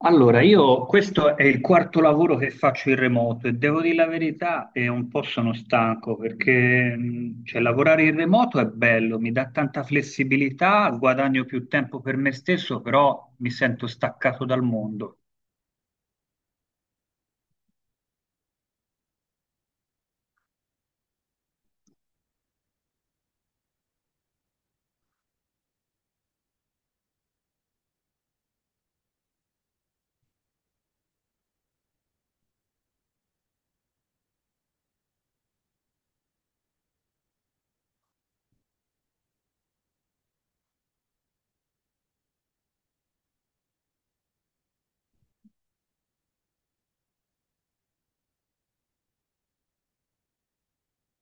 Allora, io questo è il quarto lavoro che faccio in remoto e devo dire la verità, e un po' sono stanco perché cioè, lavorare in remoto è bello, mi dà tanta flessibilità, guadagno più tempo per me stesso, però mi sento staccato dal mondo.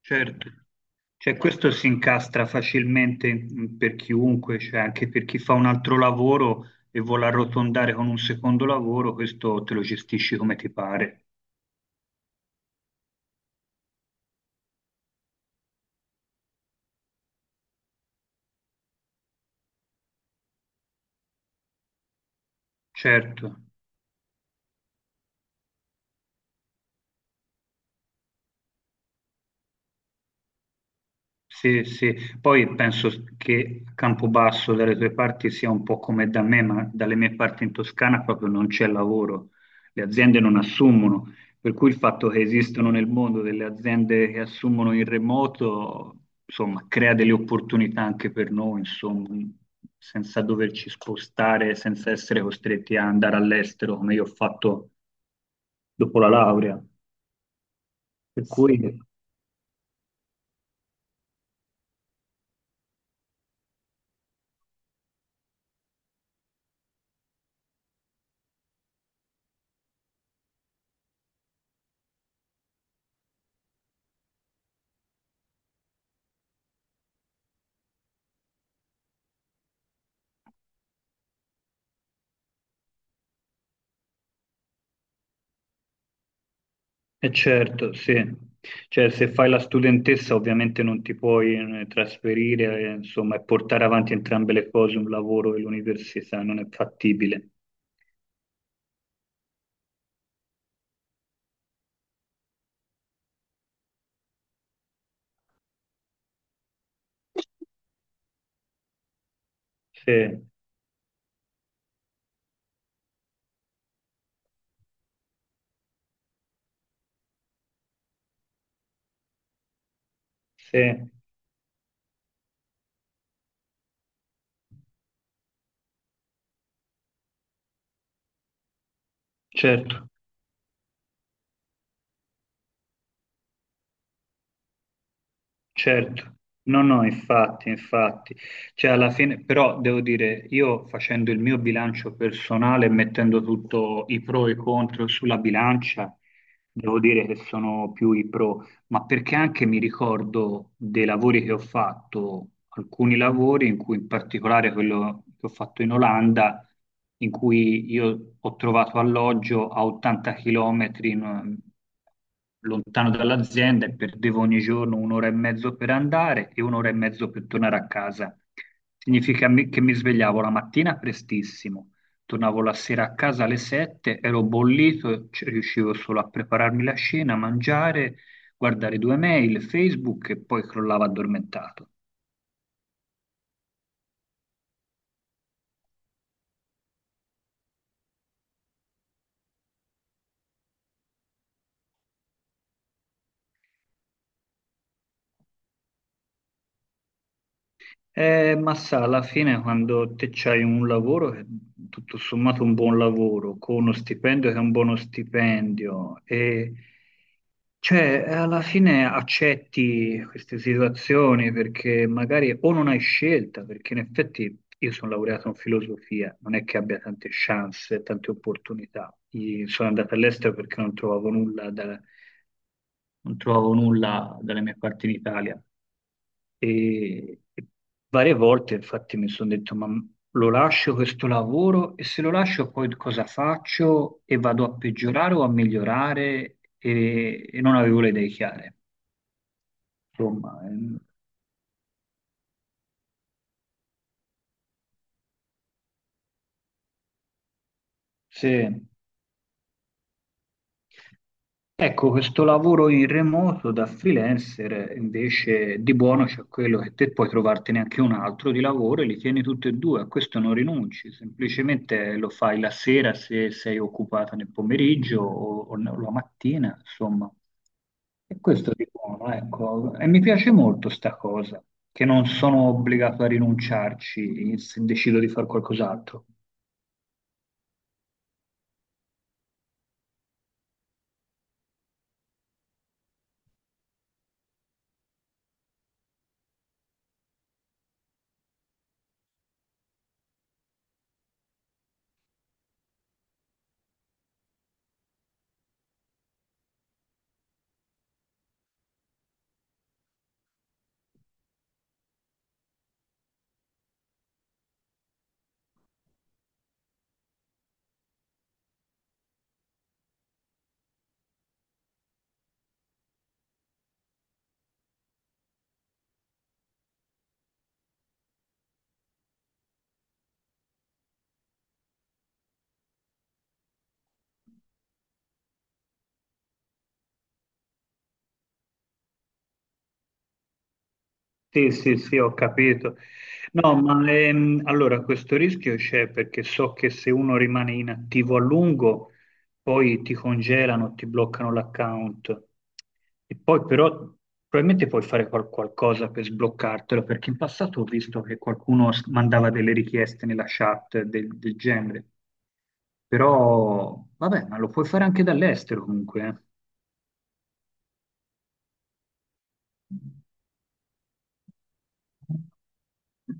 Certo, cioè, questo si incastra facilmente per chiunque, cioè, anche per chi fa un altro lavoro e vuole arrotondare con un secondo lavoro, questo te lo gestisci come ti pare. Certo. Sì, sì, poi penso che Campobasso dalle tue parti sia un po' come da me, ma dalle mie parti in Toscana proprio non c'è lavoro, le aziende non assumono, per cui il fatto che esistano nel mondo delle aziende che assumono in remoto, insomma, crea delle opportunità anche per noi, insomma, senza doverci spostare, senza essere costretti a andare all'estero come io ho fatto dopo la laurea. Per cui e certo, sì. Cioè, se fai la studentessa ovviamente non ti puoi trasferire, insomma, e portare avanti entrambe le cose, un lavoro e l'università, non è fattibile. Sì, sì, certo, certo. No, no, infatti, infatti. Cioè, alla fine, però devo dire, io facendo il mio bilancio personale, mettendo tutto i pro e i contro sulla bilancia, devo dire che sono più i pro, ma perché anche mi ricordo dei lavori che ho fatto, alcuni lavori, in cui in particolare quello che ho fatto in Olanda, in cui io ho trovato alloggio a 80 km lontano dall'azienda e perdevo ogni giorno un'ora e mezzo per andare e un'ora e mezzo per tornare a casa. Significa che mi svegliavo la mattina prestissimo, tornavo la sera a casa alle 7, ero bollito, riuscivo solo a prepararmi la cena, a mangiare, guardare due mail, Facebook e poi crollava addormentato. Ma sa, alla fine quando te c'hai un lavoro, che è tutto sommato un buon lavoro, con uno stipendio che è un buono stipendio, e cioè alla fine accetti queste situazioni perché magari o non hai scelta, perché in effetti io sono laureato in filosofia, non è che abbia tante chance, tante opportunità. Sono andato all'estero perché non trovavo nulla da non trovavo nulla dalle mie parti in Italia. E varie volte, infatti, mi sono detto: ma lo lascio questo lavoro? E se lo lascio, poi cosa faccio? E vado a peggiorare o a migliorare? E non avevo le idee chiare. Insomma, sì. Ecco, questo lavoro in remoto da freelancer invece di buono c'è quello che te puoi trovartene anche un altro di lavoro e li tieni tutti e due, a questo non rinunci, semplicemente lo fai la sera se sei occupata nel pomeriggio o no, la mattina, insomma. E questo di buono, ecco. E mi piace molto sta cosa, che non sono obbligato a rinunciarci se decido di fare qualcos'altro. Sì, sì, sì, ho capito. No, ma allora questo rischio c'è perché so che se uno rimane inattivo a lungo, poi ti congelano, ti bloccano l'account. E poi però probabilmente puoi fare qualcosa per sbloccartelo, perché in passato ho visto che qualcuno mandava delle richieste nella chat del, del genere. Però, vabbè, ma lo puoi fare anche dall'estero comunque, eh.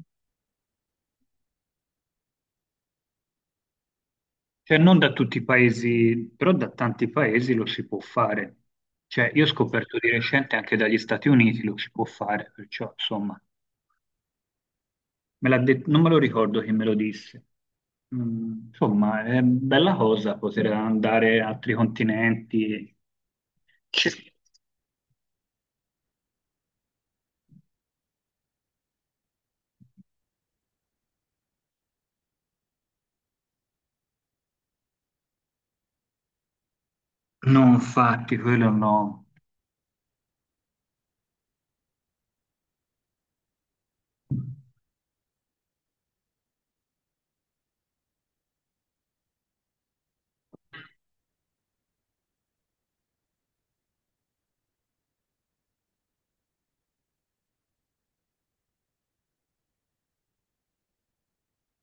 Cioè, non da tutti i paesi, però da tanti paesi lo si può fare. Cioè, io ho scoperto di recente anche dagli Stati Uniti lo si può fare, perciò, insomma, non me lo ricordo chi me lo disse. Mm, insomma, è bella cosa poter andare a altri continenti. Ci- No, infatti, quello no.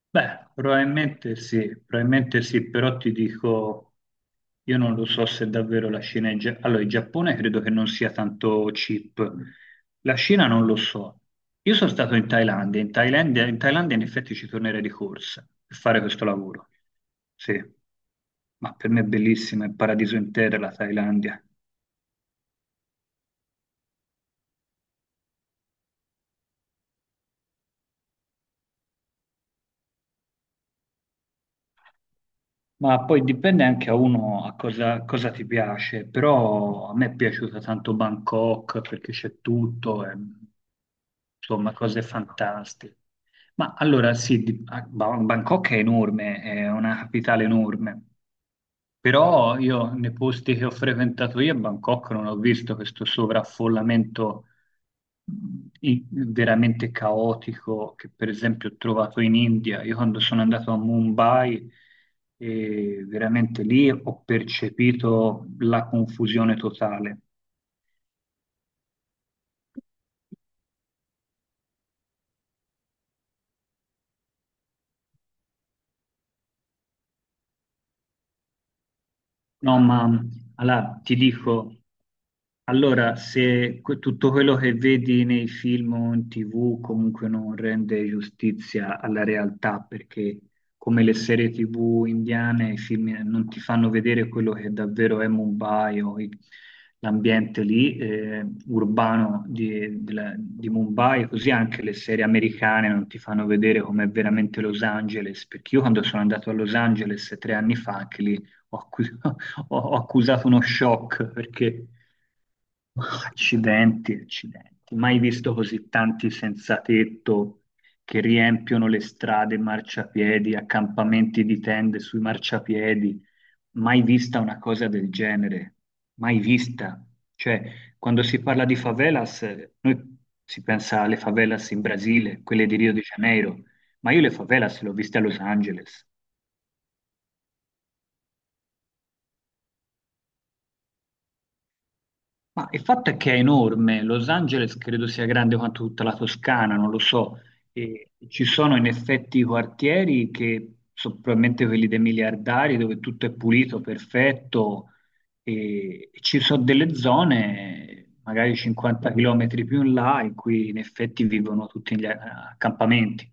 Beh, probabilmente sì, però ti dico, io non lo so se davvero la Cina è... Allora, il Giappone credo che non sia tanto cheap, la Cina non lo so. Io sono stato in Thailandia, in Thailandia in effetti ci tornerei di corsa per fare questo lavoro, sì, ma per me è bellissima, è il paradiso intero la Thailandia. Ma poi dipende anche a uno a cosa ti piace, però a me è piaciuta tanto Bangkok perché c'è tutto, e, insomma, cose fantastiche. Ma allora sì, Bangkok è enorme, è una capitale enorme, però io nei posti che ho frequentato io a Bangkok non ho visto questo sovraffollamento mh, veramente caotico che per esempio ho trovato in India. Io quando sono andato a Mumbai, veramente lì ho percepito la confusione totale. No, ma allora ti dico. Allora, se tutto quello che vedi nei film o in TV comunque non rende giustizia alla realtà, perché come le serie TV indiane, i film non ti fanno vedere quello che davvero è Mumbai l'ambiente lì, urbano di, di Mumbai, così anche le serie americane non ti fanno vedere com'è veramente Los Angeles, perché io quando sono andato a Los Angeles 3 anni fa, anche lì ho accu- ho- ho accusato uno shock perché... Accidenti, accidenti. Mai visto così tanti senza tetto che riempiono le strade, marciapiedi, accampamenti di tende sui marciapiedi. Mai vista una cosa del genere. Mai vista. Cioè, quando si parla di favelas, noi si pensa alle favelas in Brasile, quelle di Rio de Janeiro, ma io le favelas le ho viste a Los Angeles. Ma il fatto è che è enorme, Los Angeles credo sia grande quanto tutta la Toscana, non lo so, e ci sono in effetti quartieri che sono probabilmente quelli dei miliardari dove tutto è pulito, perfetto, e ci sono delle zone, magari 50 km più in là, in cui in effetti vivono tutti gli accampamenti.